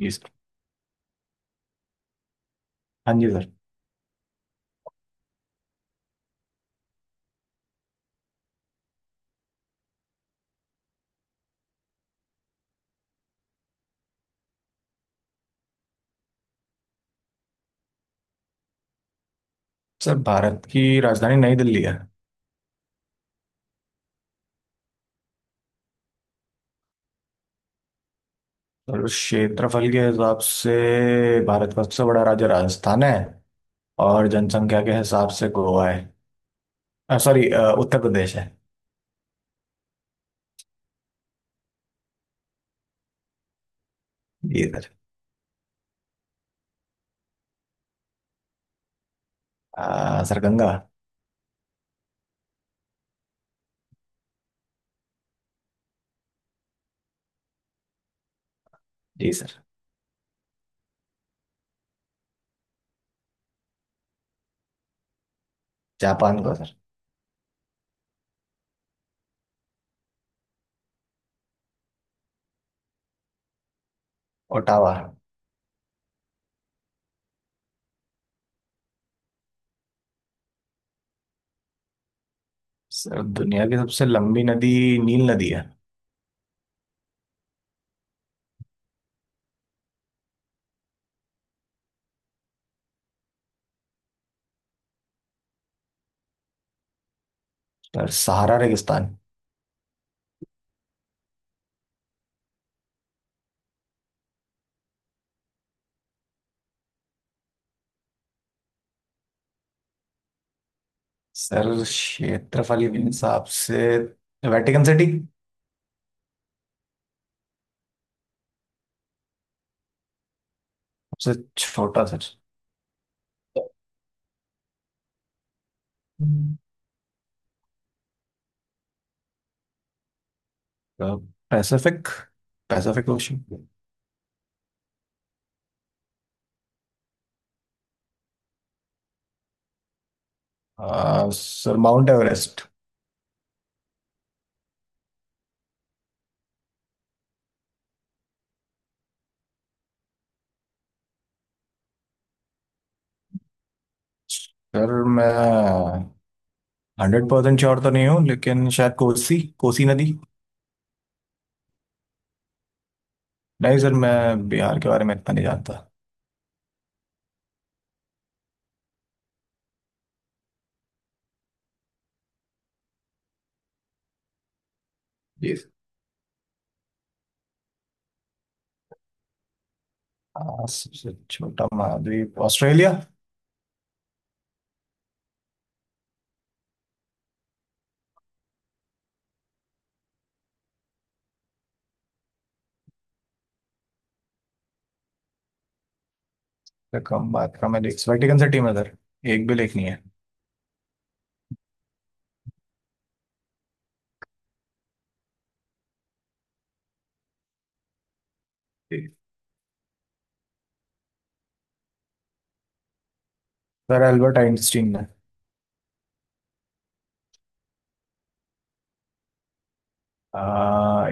जी sir. हाँ जी sir. Sir Bharat की राजधानी नई दिल्ली है। और उस क्षेत्रफल के हिसाब से भारत का सबसे बड़ा राज्य राजस्थान है। और जनसंख्या के हिसाब से गोवा है। सॉरी, उत्तर प्रदेश है। जी sir. Sir Ganga. Ji sir. Japan का सर। ओटावा। सर दुनिया की सबसे लंबी नदी नील नदी है। सर सहारा रेगिस्तान। सर क्षेत्रफल के हिसाब से वेटिकन सिटी। सबसे छोटा sir. Pacific, Pacific ocean. Sir Mount Everest. Sir मैं 100% श्योर तो नहीं हूँ, लेकिन शायद कोसी, कोसी नदी। नहीं सर, मैं बिहार के बारे में इतना नहीं जानता। जी सर। सबसे छोटा महाद्वीप ऑस्ट्रेलिया। सर कम बात का मैं देख वेटिकन सिटी में सर, एक भी लेख नहीं है। जी सर। एल्बर्ट आइंस्टीन ने।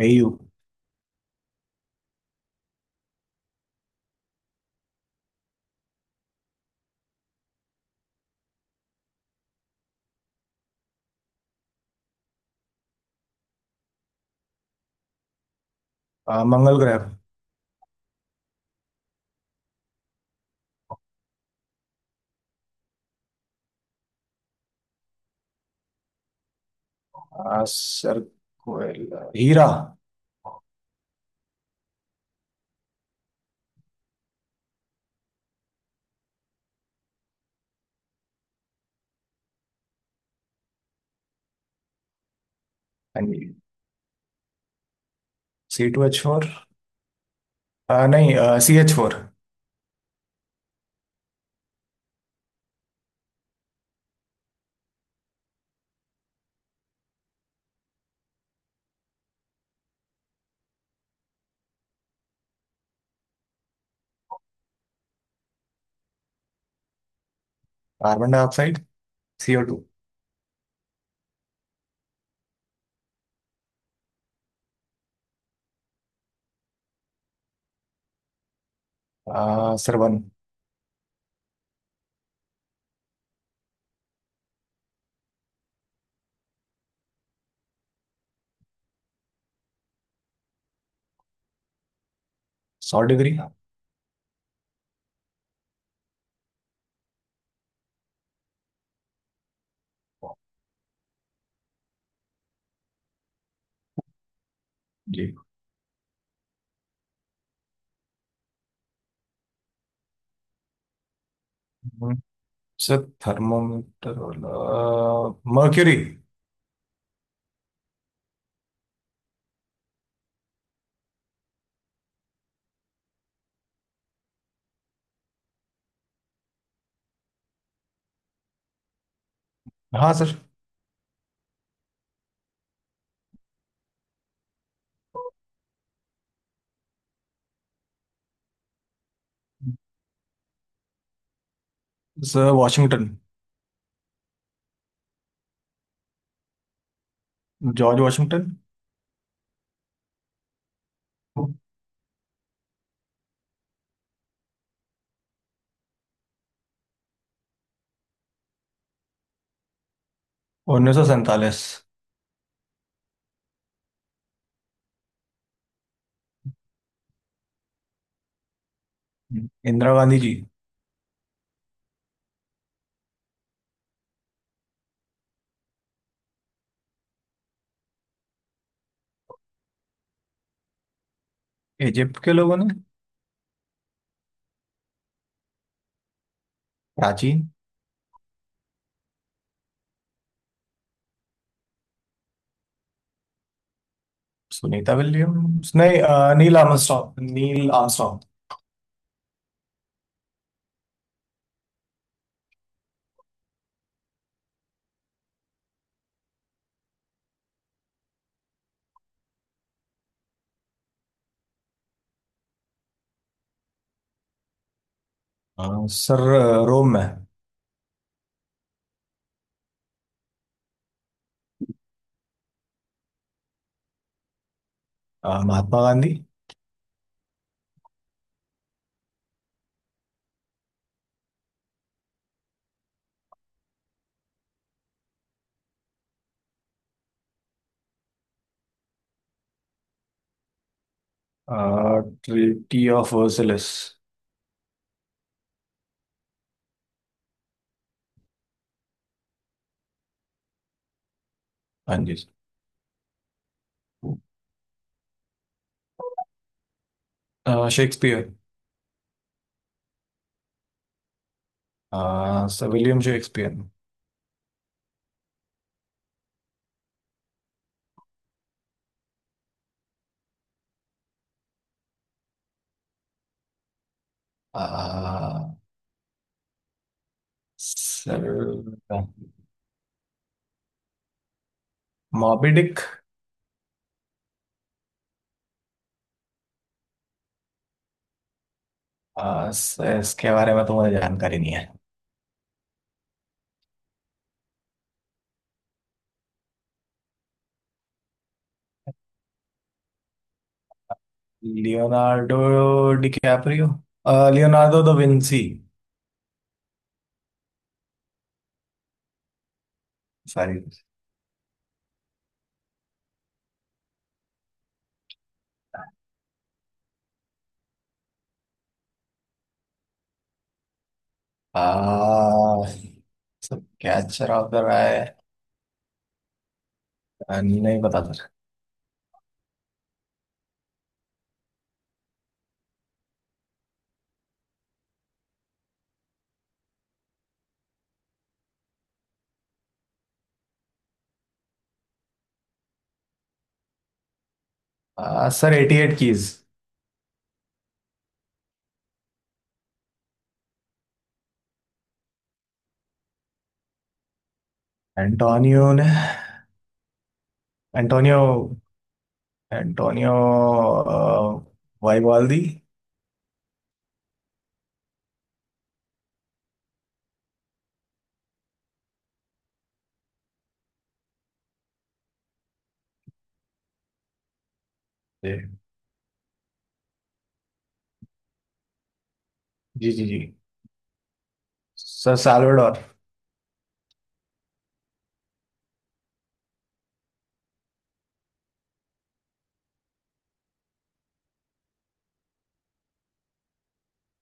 Au। मंगल ग्रह। सर कोयल, हीरा। हाँ। जी, C2H4। नहीं, CH4। Carbon dioxide. CO2। Sir 1। 100 degree. जी। हम्म, सर थर्मोमीटर वाला मर्क्यूरी। हाँ sir. Sir Washington. George Washington. 1947। Indira Gandhi ji. Egypt के लोगों ने। प्राचीन। सुनीता विलियम्स नहीं, नील आर्मस्ट्रॉन्ग, नील आर्मस्ट्रॉन्ग। सर रोम में। महात्मा गांधी। Treaty of Versailles. हाँ जी। Shakespeare. Sir William Shakespeare. Sir Moby Dick. इसके बारे में तो मुझे जानकारी नहीं है। Leonardo, DiCaprio, Leonardo da Vinci. Sorry. Sir catcher of the राय। नहीं पता सर। Sir 88 keys. एंटोनियो ने। Antonio, Antonio Vivaldi. जी जी जी। जी सर साल्वाडोर।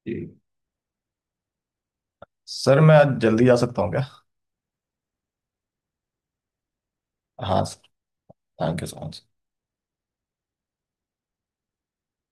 जी सर, मैं आज जल्दी जा सकता हूँ क्या। हाँ sir. Thank you so much.